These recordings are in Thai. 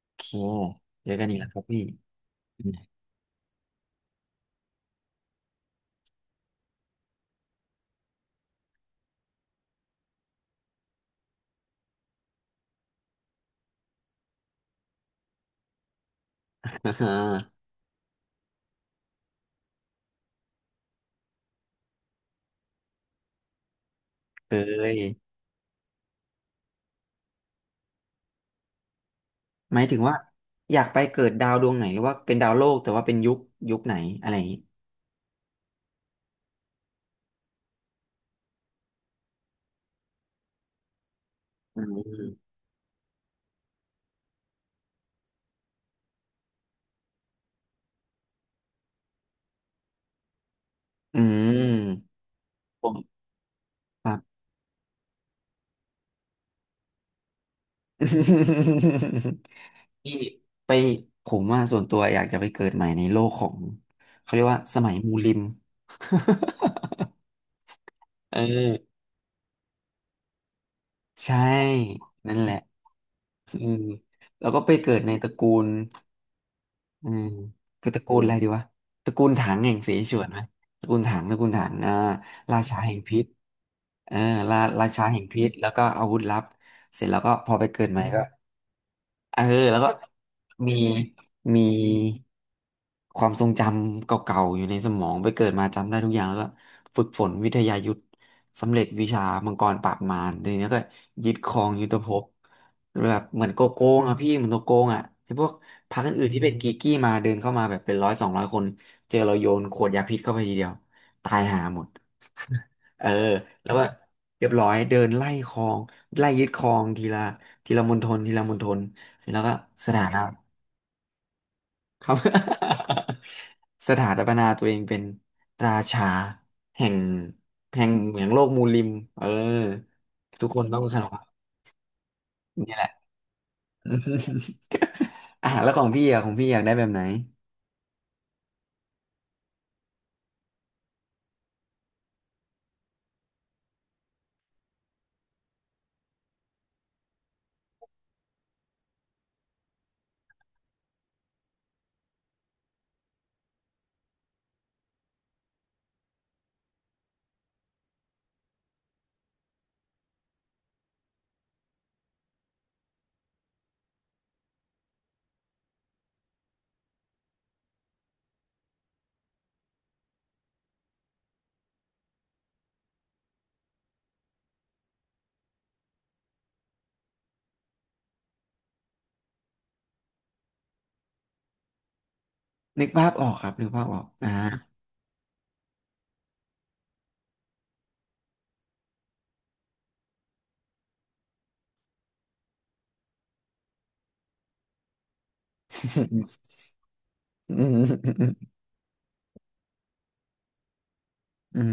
โอเคเจอกันอีกแล้วครับพี่อ่าฮะ เคยหมายถึงว่าอยากไปเกิดดาวดวงไหนหรือว่าเป็นดาวโลกแต่ว่าเป็นยุคยุคไหนอะไรอย่างนี้อืมอืมผมครับ พี่ไปผมว่าส่วนตัวอยากจะไปเกิดใหม่ในโลกของเขาเรียกว่าสมัยมูลิม เออใช่ นั่นแหละอืมแล้วก็ไปเกิดในตระกูล อืมคือตระกูลอะไรดีวะตระกูลถังแห่งเสฉวนไหมตระกูลถังอ่าราชาแห่งพิษเออราชาแห่งพิษแล้วก็อาวุธลับเสร็จแล้วก็พอไปเกิดใหม่ก็เออแล้วก็ มีมีความทรงจำเก่าๆอยู่ในสมองไปเกิดมาจำได้ทุกอย่างแล้วก็ฝึกฝนวิทยายุทธสำเร็จวิชามังกรปราบมารทีนี้ก็ยึดครองยุทธภพแบบเหมือนโกโก้งอ่ะพี่เหมือนโกโก้งอ่ะไอ้พวกพรรคอื่นๆที่เป็นกีกี้มาเดินเข้ามาแบบเป็นร้อยสองร้อยคนเจอเราโยนขวดยาพิษเข้าไปทีเดียวตายหาหมดเออแล้วก็เรียบร้อยเดินไล่ครองไล่ยึดครองทีละมณฑลทีละมณฑลเสร็จแล้วก็สถานะ ครับ สถาปนาตัวเองเป็นราชาแห่งแห่งเหมืองโลกมูลริมเออทุกคนต้องขนมนี่แหละ อ่ะแล้วของพี่อยากได้แบบไหนนึกภาพออกครับนึกภาพออกอ่า อืมอืม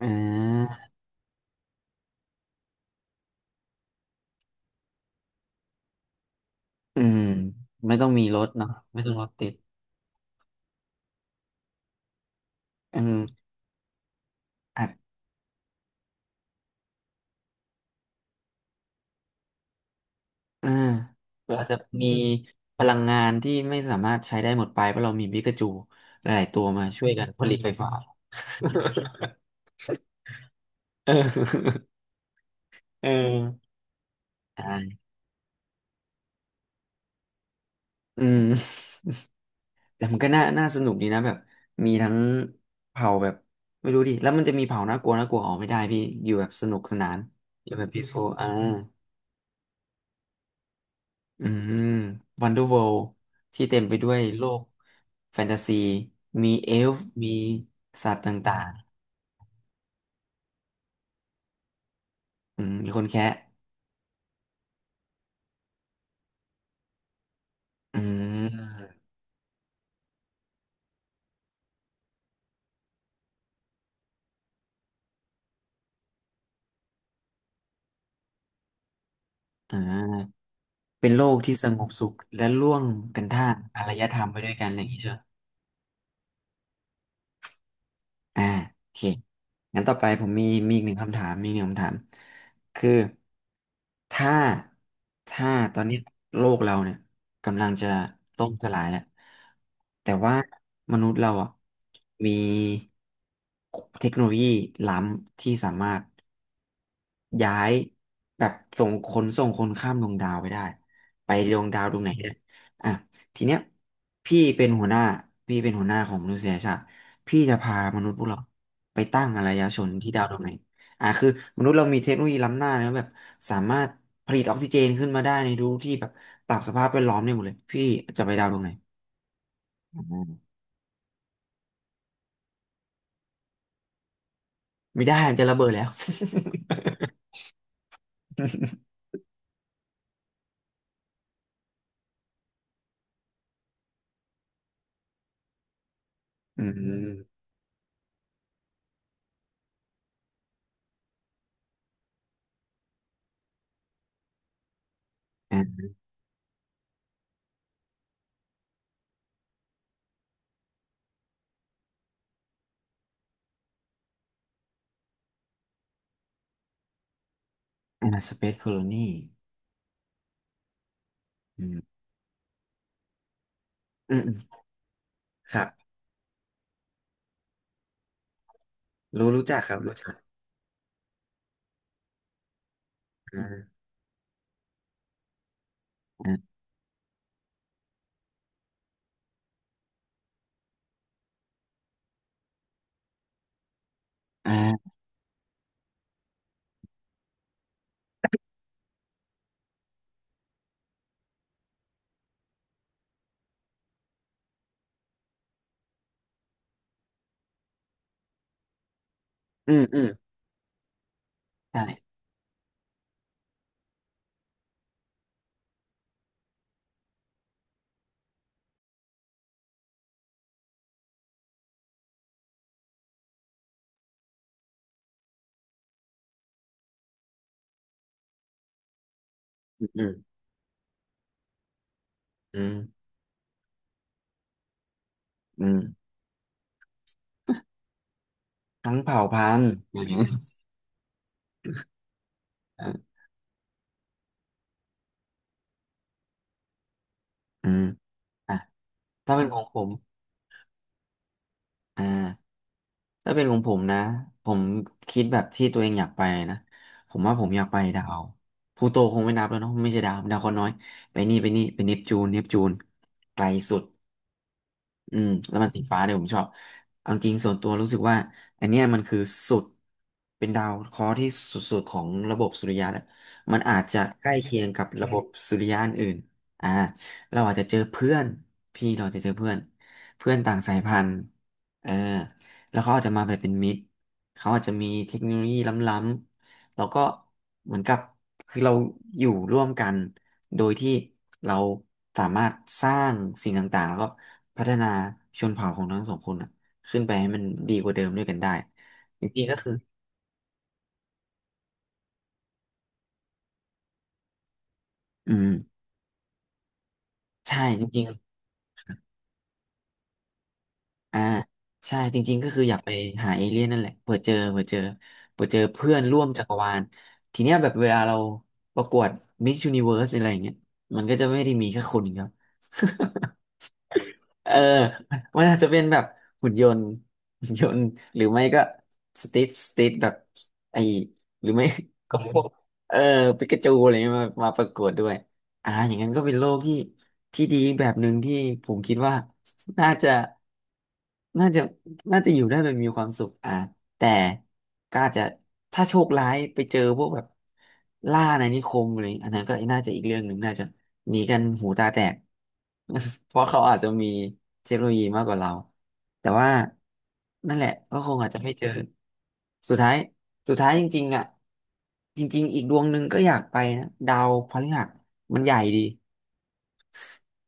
อ่าอืมไม่ต้องมีรถเนาะไม่ต้องรถติดอืม อ่าเรือาจจะมีพลังงานที่ไม่สามารถใช้ได้หมดไปเพราะเรามีบิกาจูหลายๆตัวมาช่วยกันผลิตไฟฟ้า เออเอออ่าอืมแต่มันก็น่าน่าสนุกดีนะแบบมีทั้งเผ่าแบบไม่รู้ดิแล้วมันจะมีเผ่าน่ากลัวน่ากลัวออกไม่ได้พี่อยู่แบบสนุกสนานอยู่แบบพีซฟ u ลอ่าอืมวันเดอร์เวิลด์ที่เต็มไปด้วยโลกแฟนตาซีมีเอลฟ์มีสัตว์ต่างๆอืมมีคนแคะ อ่าอ่าเป็นโลกที่สงบสุขและร่วมกันท่ามอารยธรรมไปด้วยกันอะไรอย่างนี้ใช่ไหมอ่าโอเคงั้นต่อไปผมมีอีกหนึ่งคำถามมีอีกหนึ่งคำถามคือถ้าถ้าตอนนี้โลกเราเนี่ยกำลังจะล่มสลายแล้วแต่ว่ามนุษย์เราอ่ะมีเทคโนโลยีล้ำที่สามารถ ย้ายแบบส่งคนข้ามดวงดาวไปได้ไปดวงดาวดวงไหนก็ได้อ่ะทีเนี้ยพี่เป็นหัวหน้าพี่เป็นหัวหน้าของมนุษยชาติพี่จะพามนุษย์พวกเราไปตั้งอารยชนที่ดาวดวงไหนอ่ะคือมนุษย์เรามีเทคโนโลยีล้ำหน้านะแบบสามารถผลิตออกซิเจนขึ้นมาได้ในรูที่แบบปรับสภาพแวดล้อมได้หมดเลยพี่จะไปดาวดวงไหนอืมไม่ได้มันจะระเบิดแล้ว อืมอ่าสเปซโคโลนีอืมอืมครับ รู้จักครับรู้จักอ่าอ่าอ่าอืมใช่อืมอืมอืมอืทั้งเผ่าพันธุ์อือ่าอืมอ่ะถ้าเป็นของผมอ่าถ้าเป็นของผมนะผมคิดแบบที่ตัวเองอยากไปนะ ผมว่าผมอยากไปดาวพลูโตคงไม่นับแล้วเนาะไม่ใช่ดาวดาวเคราะห์น้อย ไปเนปจูนไกลสุด อืมแล้วมันสีฟ้าเนี่ยผมชอบเอาจริงส่วนตัวรู้สึกว่าอันเนี้ยมันคือสุดเป็นดาวเคราะห์ที่สุดๆของระบบสุริยะแหละมันอาจจะใกล้เคียงกับระบบสุริยะอนอื่นอ่าเราอาจจะเจอเพื่อนพี่เราจะเจอเพื่อนเพื่อนต่างสายพันธุ์เออแล้วเขาอาจจะมาแบบเป็นมิตรเขาอาจจะมีเทคโนโลยีล้ำๆแล้วก็เหมือนกับคือเราอยู่ร่วมกันโดยที่เราสามารถสร้างสิ่งต่างๆแล้วก็ พัฒนาชนเผ่าของทั้งสองคนอ่ะขึ้นไปให้มันดีกว่าเดิมด้วยกันได้จริงๆก็คืออืมใช่จริงๆอ่าใช่จริงๆก็คืออยากไปหาเอเลี่ยนนั่นแหละเผื่อเจอเพื่อนร่วมจักรวาลทีเนี้ยแบบเวลาเราประกวดมิสยูนิเวิร์สอะไรอย่างเงี้ยมันก็จะไม่ได้มีแค่คนเดียว เออมันอาจจะเป็นแบบหุ่นยนต์หุ่นยนต์หรือไม่ก็สติสติแบบไอหรือไม่ ก็พวกเออปิกาจูอะไรเงี้ยมาประกวดด้วยอ่าอย่างนั้นก็เป็นโลกที่ที่ดีแบบหนึ่งที่ผมคิดว่าน่าจะน่าจะน่าจะอยู่ได้แบบมีความสุขอ่าแต่ก็อาจจะถ้าโชคร้ายไปเจอพวกแบบล่าอาณานิคมอะไรอันนั้นก็น่าจะอีกเรื่องหนึ่งน่าจะหนีกันหูตาแตก เพราะเขาอาจจะมีเทคโนโลยีมากกว่าเราแต่ว่านั่นแหละก็คงอาจจะไม่เจอสุดท้ายสุดท้ายจริงๆอ่ะจริงๆอีกดวงหนึ่งก็อยากไปนะดาวพฤหัสมันใหญ่ดี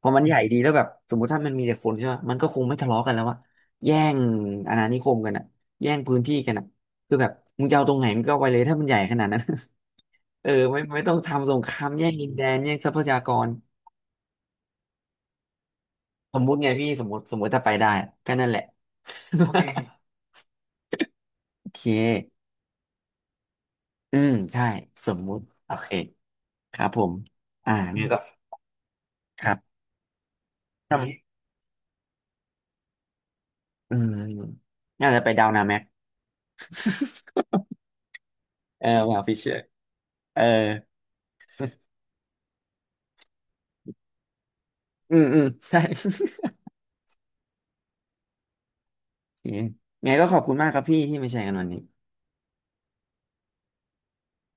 พอมันใหญ่ดีแล้วแบบสมมติถ้ามันมีแต่คนใช่ไหมมันก็คงไม่ทะเลาะกันแล้วอะแย่งอาณานิคมกันอะแย่งพื้นที่กันอะคือแบบมึงจะเอาตรงไหนมึงก็เอาไปเลยถ้ามันใหญ่ขนาดนั้น เออไม่ไม่ต้องทำสงครามแย่งดินแดนแย่งทรัพยากรสมมุติไงพี่สมมติถ้าไปได้อะก็นั่นแหละ โอเคอืมใช่สมมุติโอเคครับผมอ่าเนี่ยก็ครับทำอืมน่าจะไปดาวนาแม็ก เออว่าพี่เชื่อเอ ออืมอืมใช่ โอเคไงก็ขอบคุณมากครับพี่ที่มาแชร์กันวันนี้